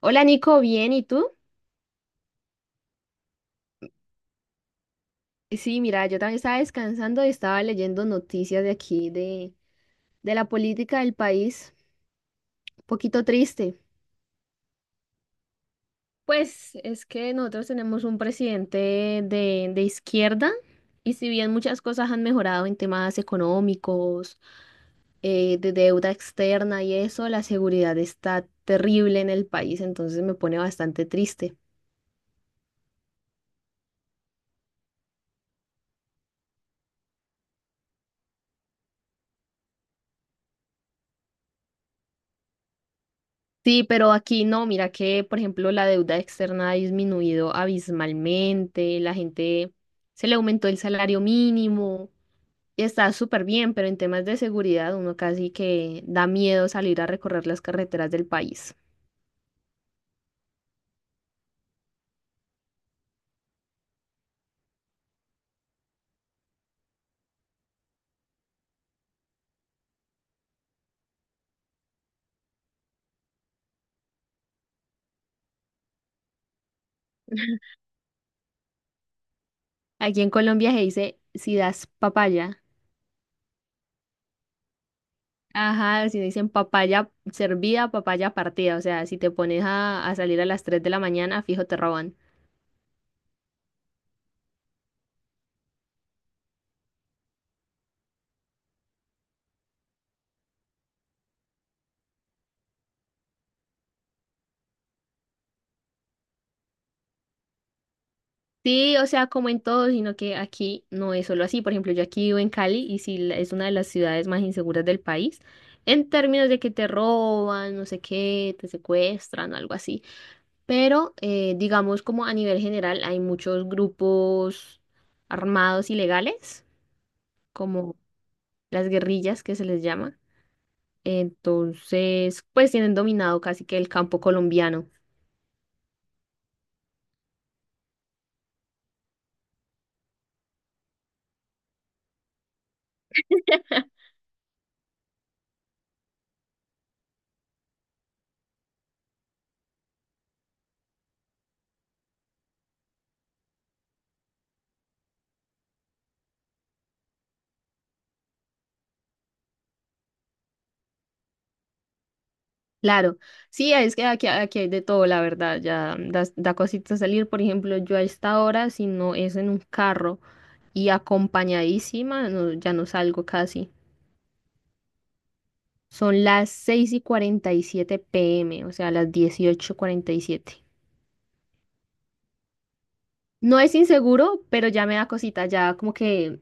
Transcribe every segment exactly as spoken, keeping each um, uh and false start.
Hola Nico, bien, ¿y tú? Sí, mira, yo también estaba descansando y estaba leyendo noticias de aquí, de, de la política del país, un poquito triste. Pues es que nosotros tenemos un presidente de, de izquierda y si bien muchas cosas han mejorado en temas económicos, eh, de deuda externa y eso, la seguridad está terrible en el país, entonces me pone bastante triste. Sí, pero aquí no, mira que, por ejemplo, la deuda externa ha disminuido abismalmente, la gente se le aumentó el salario mínimo y está súper bien, pero en temas de seguridad uno casi que da miedo salir a recorrer las carreteras del país. Aquí en Colombia se dice si das papaya. Ajá, si dicen papaya servida, papaya partida. O sea, si te pones a, a salir a las tres de la mañana, fijo, te roban. Sí, o sea, como en todo, sino que aquí no es solo así. Por ejemplo, yo aquí vivo en Cali y sí la- es una de las ciudades más inseguras del país. En términos de que te roban, no sé qué, te secuestran, algo así. Pero eh, digamos como a nivel general hay muchos grupos armados ilegales, como las guerrillas que se les llama. Entonces, pues tienen dominado casi que el campo colombiano. Claro, sí, es que aquí, aquí hay de todo, la verdad, ya da, da cosita salir, por ejemplo, yo a esta hora, si no es en un carro y acompañadísima, no- ya no salgo casi. Son las seis y cuarenta y siete p m, o sea, las dieciocho cuarenta y siete. No es inseguro, pero ya me da cosita, ya como que,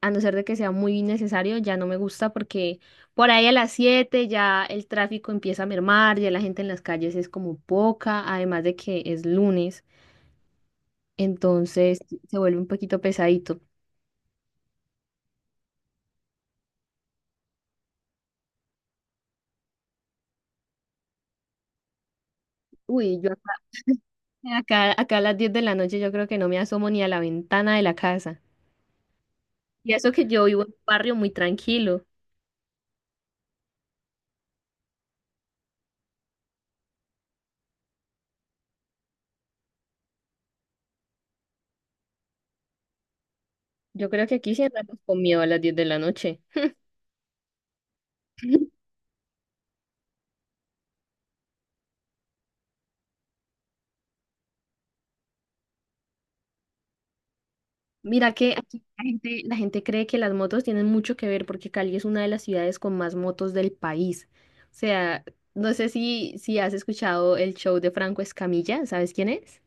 a no ser de que sea muy necesario, ya no me gusta porque por ahí a las siete ya el tráfico empieza a mermar, ya la gente en las calles es como poca, además de que es lunes, entonces se vuelve un poquito pesadito. Uy, yo acá, acá, acá a las diez de la noche yo creo que no me asomo ni a la ventana de la casa. Y eso que yo vivo en un barrio muy tranquilo. Yo creo que aquí sí andamos con miedo a las diez de la noche. Mira que aquí la gente, la gente cree que las motos tienen mucho que ver porque Cali es una de las ciudades con más motos del país. O sea, no sé si, si has escuchado el show de Franco Escamilla, ¿sabes quién es?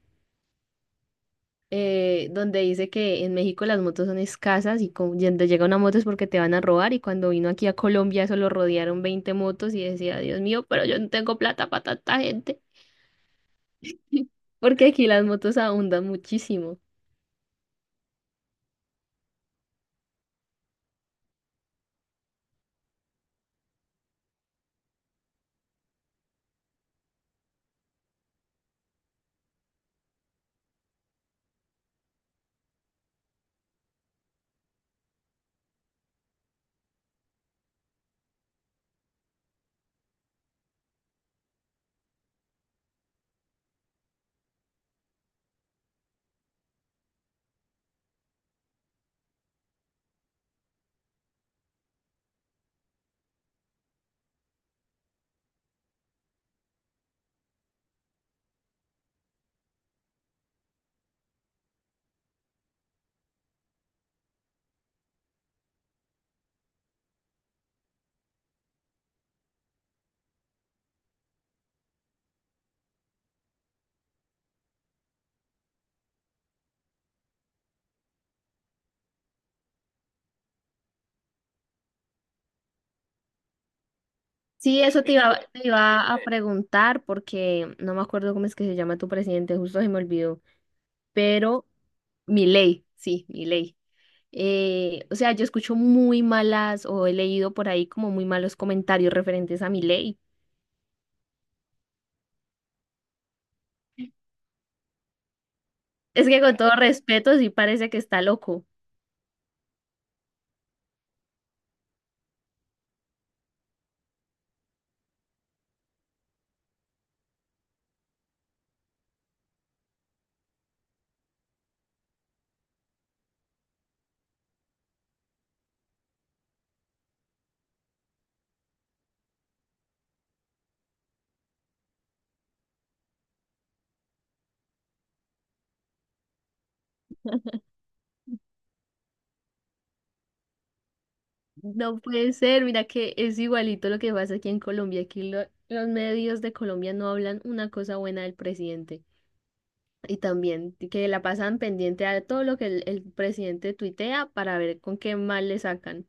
Eh, donde dice que en México las motos son escasas y con- y donde llega una moto es porque te van a robar y cuando vino aquí a Colombia solo rodearon veinte motos y decía, Dios mío, pero yo no tengo plata para tanta gente porque aquí las motos abundan muchísimo. Sí, eso te iba, te iba a eh, preguntar porque no me acuerdo cómo es que se llama tu presidente, justo se me olvidó, pero Milei, sí, Milei. Eh, o sea, yo escucho muy malas o he leído por ahí como muy malos comentarios referentes a Milei. Es que con todo respeto sí parece que está loco. No puede ser, mira que es igualito lo que pasa aquí en Colombia. Aquí lo- los medios de Colombia no hablan una cosa buena del presidente. Y también que la pasan pendiente a todo lo que el, el presidente tuitea para ver con qué mal le sacan.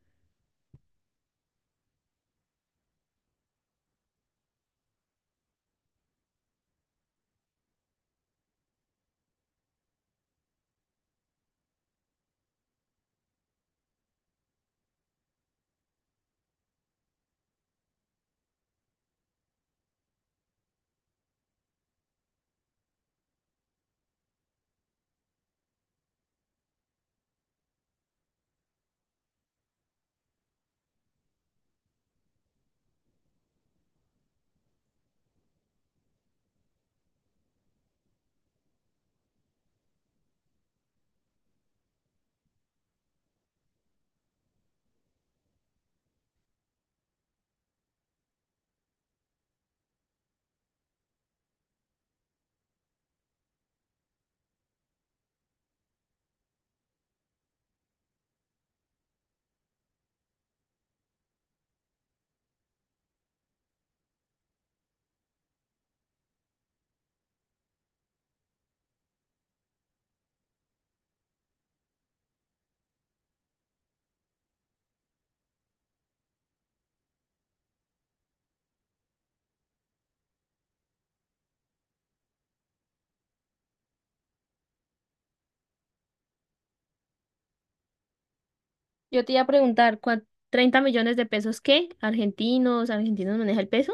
Yo te iba a preguntar, ¿cuán- treinta millones de pesos qué? ¿Argentinos? ¿Argentinos maneja el peso?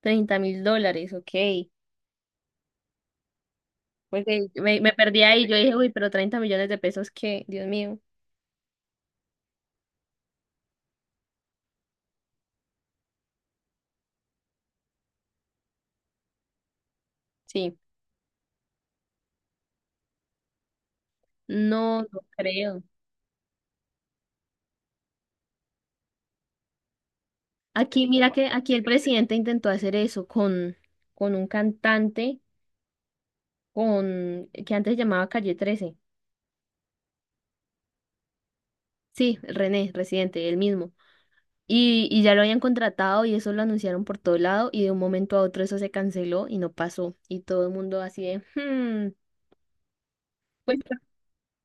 Treinta mil dólares, ok. Porque me, me perdí ahí, yo dije, uy, pero treinta millones de pesos qué, Dios mío. Sí, no, no creo. Aquí, mira que aquí el presidente intentó hacer eso con, con un cantante con, que antes llamaba Calle trece. Sí, René, residente, el mismo. Y, y ya lo habían contratado y eso lo anunciaron por todo lado y de un momento a otro eso se canceló y no pasó. Y todo el mundo así de, hmm, pues,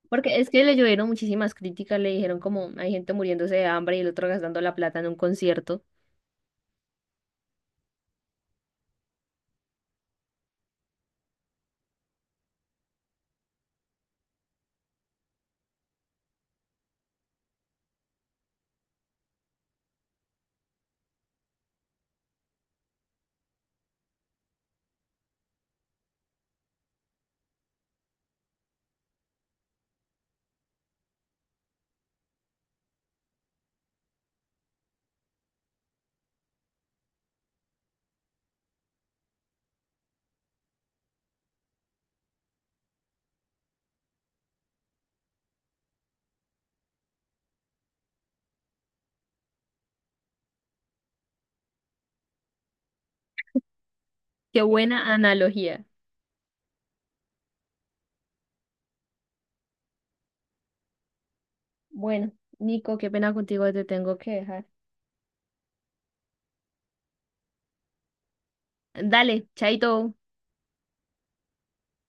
porque es que le llovieron muchísimas críticas, le dijeron como hay gente muriéndose de hambre y el otro gastando la plata en un concierto. Qué buena analogía. Bueno, Nico, qué pena contigo, te tengo que dejar. Dale, chaito.